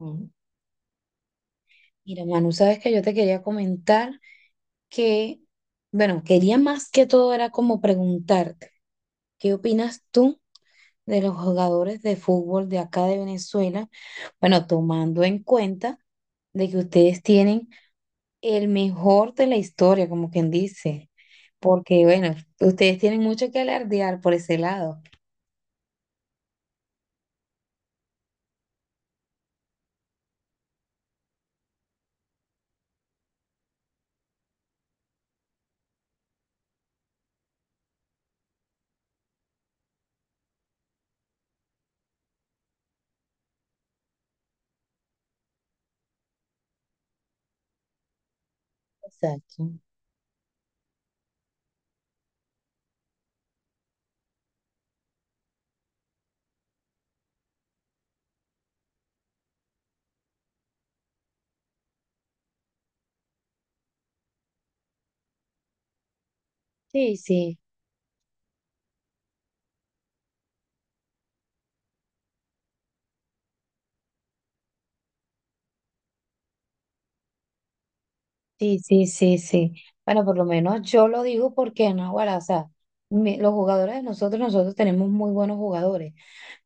Ujú. Mira, Manu, sabes que yo te quería comentar que, bueno, quería más que todo era como preguntarte, ¿qué opinas tú de los jugadores de fútbol de acá de Venezuela? Bueno, tomando en cuenta de que ustedes tienen el mejor de la historia, como quien dice, porque, bueno, ustedes tienen mucho que alardear por ese lado. Exacto. Sí, sí. Sí, sí, sí, sí. Bueno, por lo menos yo lo digo porque, no, bueno, o sea, los jugadores de nosotros, nosotros tenemos muy buenos jugadores.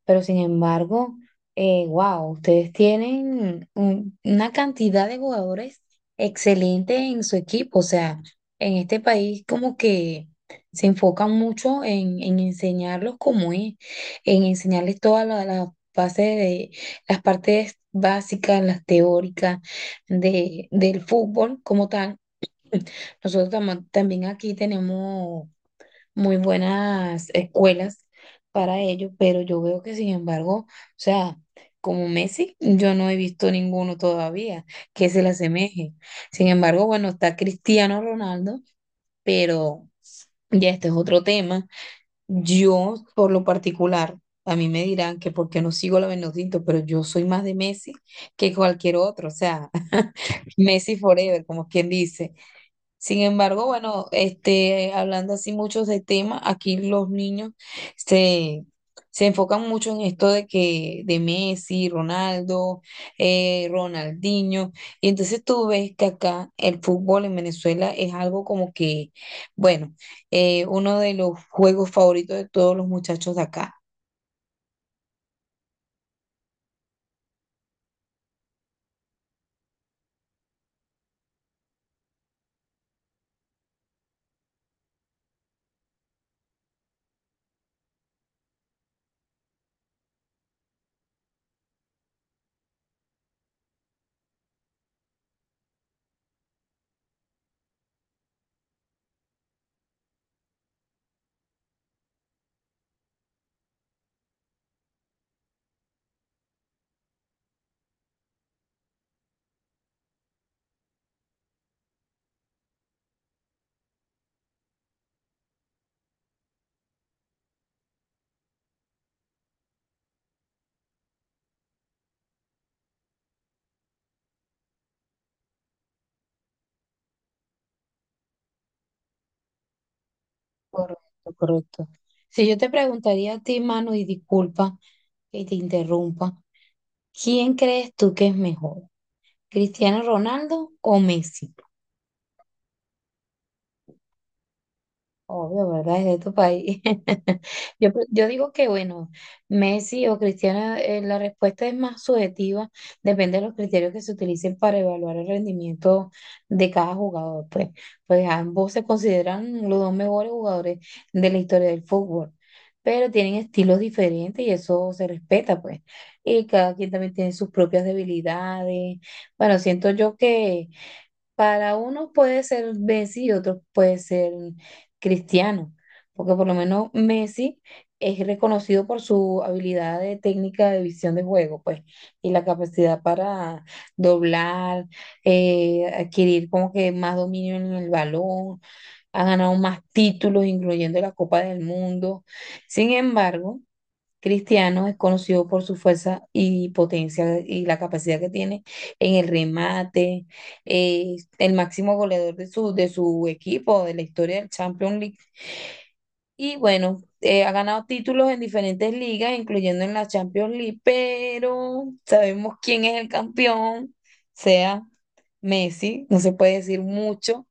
Pero sin embargo, wow, ustedes tienen una cantidad de jugadores excelentes en su equipo. O sea, en este país como que se enfocan mucho en enseñarlos cómo es, en enseñarles las bases de las partes básicas, las teóricas de, del fútbol como tal. Nosotros también aquí tenemos muy buenas escuelas para ello, pero yo veo que sin embargo, o sea, como Messi, yo no he visto ninguno todavía que se le asemeje. Sin embargo, bueno, está Cristiano Ronaldo, pero ya este es otro tema. Yo, por lo particular, a mí me dirán que porque no sigo la Benedicto, pero yo soy más de Messi que cualquier otro, o sea, Messi forever, como quien dice. Sin embargo, bueno, este, hablando así muchos de temas, aquí los niños se, se enfocan mucho en esto de que de Messi, Ronaldo, Ronaldinho, y entonces tú ves que acá el fútbol en Venezuela es algo como que, bueno, uno de los juegos favoritos de todos los muchachos de acá. Correcto, correcto. Si yo te preguntaría a ti, Manu, y disculpa que te interrumpa, ¿quién crees tú que es mejor? ¿Cristiano Ronaldo o Messi? Obvio, ¿verdad? Es de tu país. Yo, yo digo que, bueno, Messi o Cristiano, la respuesta es más subjetiva, depende de los criterios que se utilicen para evaluar el rendimiento de cada jugador, pues. Pues ambos se consideran los dos mejores jugadores de la historia del fútbol, pero tienen estilos diferentes y eso se respeta, pues. Y cada quien también tiene sus propias debilidades. Bueno, siento yo que para unos puede ser Messi y otros puede ser Cristiano, porque por lo menos Messi es reconocido por su habilidad de técnica de visión de juego, pues, y la capacidad para doblar, adquirir como que más dominio en el balón, ha ganado más títulos, incluyendo la Copa del Mundo. Sin embargo, Cristiano es conocido por su fuerza y potencia y la capacidad que tiene en el remate, el máximo goleador de su equipo, de la historia del Champions League. Y bueno, ha ganado títulos en diferentes ligas, incluyendo en la Champions League, pero sabemos quién es el campeón, o sea, Messi, no se puede decir mucho.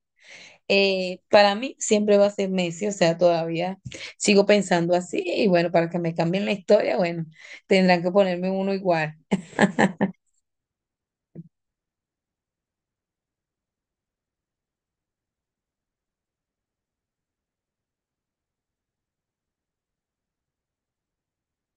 Para mí siempre va a ser Messi, o sea, todavía sigo pensando así y bueno, para que me cambien la historia, bueno, tendrán que ponerme uno igual.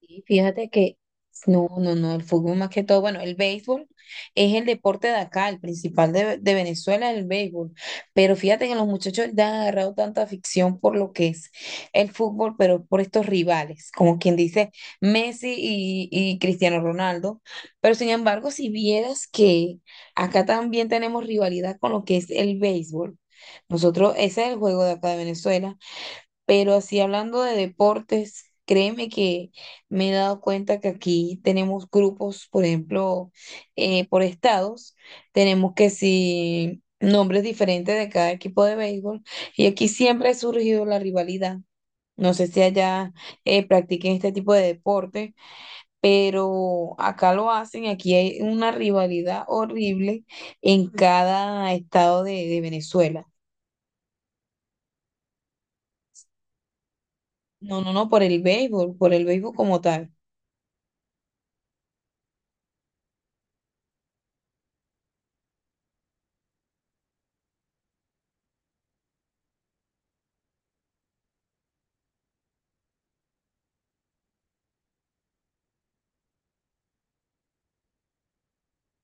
Y fíjate que no, el fútbol más que todo, bueno, el béisbol es el deporte de acá, el principal de Venezuela es el béisbol, pero fíjate que los muchachos le han agarrado tanta afición por lo que es el fútbol, pero por estos rivales, como quien dice, Messi y Cristiano Ronaldo, pero sin embargo, si vieras que acá también tenemos rivalidad con lo que es el béisbol, nosotros, ese es el juego de acá de Venezuela. Pero así hablando de deportes, créeme que me he dado cuenta que aquí tenemos grupos, por ejemplo, por estados, tenemos que si nombres diferentes de cada equipo de béisbol, y aquí siempre ha surgido la rivalidad. No sé si allá practiquen este tipo de deporte, pero acá lo hacen, y aquí hay una rivalidad horrible en cada estado de Venezuela. No, no, no, por el béisbol como tal.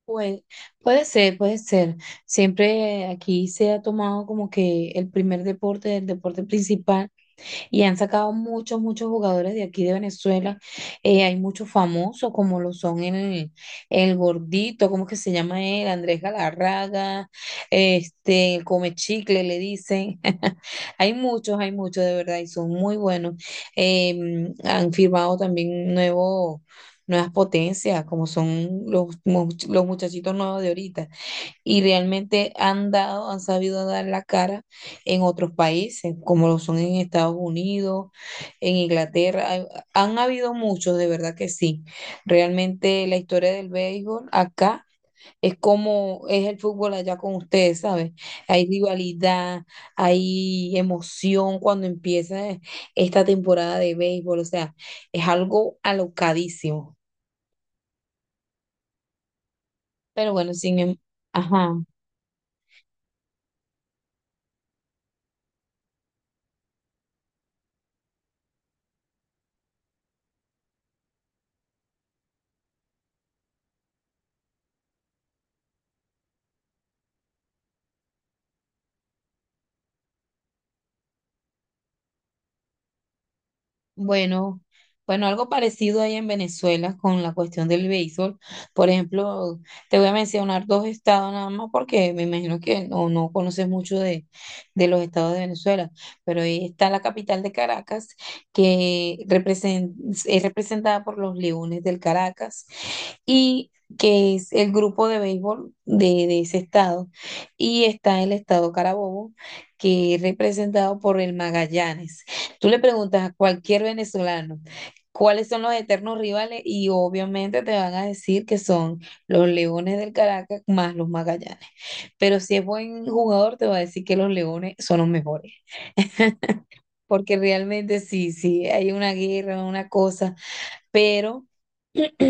Pues, puede ser, puede ser. Siempre aquí se ha tomado como que el primer deporte, el deporte principal y han sacado muchos, muchos jugadores de aquí de Venezuela. Hay muchos famosos, como lo son el gordito, ¿cómo que se llama él? Andrés Galarraga, este, el come chicle, le dicen. Hay muchos de verdad y son muy buenos. Han firmado también nuevos nuevas potencias, como son los, los muchachitos nuevos de ahorita y realmente han dado, han sabido dar la cara en otros países, como lo son en Estados Unidos, en Inglaterra. Han habido muchos, de verdad que sí. Realmente la historia del béisbol acá es como es el fútbol allá con ustedes, ¿sabes? Hay rivalidad, hay emoción cuando empieza esta temporada de béisbol, o sea, es algo alocadísimo. Pero bueno, sin em- ajá. Bueno, bueno, algo parecido hay en Venezuela con la cuestión del béisbol. Por ejemplo, te voy a mencionar dos estados nada más porque me imagino que no, no conoces mucho de los estados de Venezuela, pero ahí está la capital de Caracas que es representada por los Leones del Caracas y que es el grupo de béisbol de ese estado. Y está el estado Carabobo que es representado por el Magallanes. Tú le preguntas a cualquier venezolano cuáles son los eternos rivales y obviamente te van a decir que son los Leones del Caracas más los Magallanes. Pero si es buen jugador, te va a decir que los Leones son los mejores, porque realmente sí, sí, hay una guerra, una cosa, pero...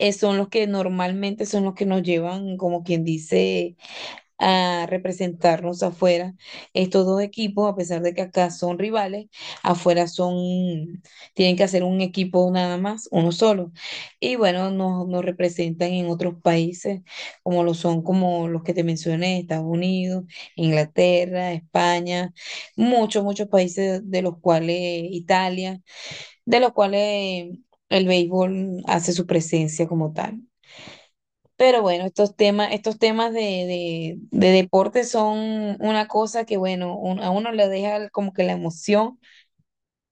son los que normalmente son los que nos llevan, como quien dice, a representarnos afuera. Estos dos equipos, a pesar de que acá son rivales, afuera son, tienen que hacer un equipo nada más, uno solo. Y bueno, nos, nos representan en otros países, como lo son, como los que te mencioné, Estados Unidos, Inglaterra, España, muchos, muchos países de los cuales, Italia, de los cuales el béisbol hace su presencia como tal. Pero bueno, estos temas de deporte son una cosa que, bueno, a uno le deja como que la emoción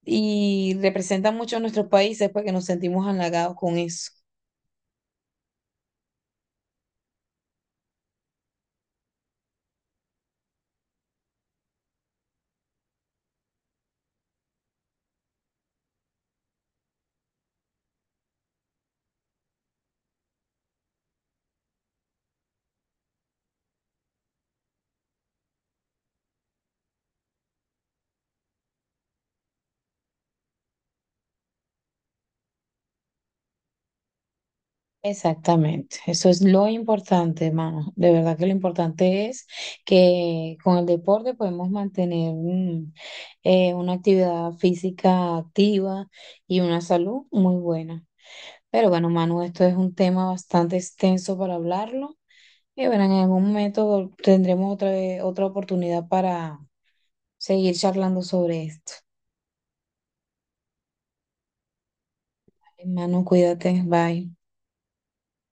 y representa mucho a nuestros países porque nos sentimos halagados con eso. Exactamente, eso es lo importante, hermano. De verdad que lo importante es que con el deporte podemos mantener una actividad física activa y una salud muy buena. Pero bueno, Manu, esto es un tema bastante extenso para hablarlo. Y bueno, en algún momento tendremos otra oportunidad para seguir charlando sobre esto. Hermano, cuídate, bye.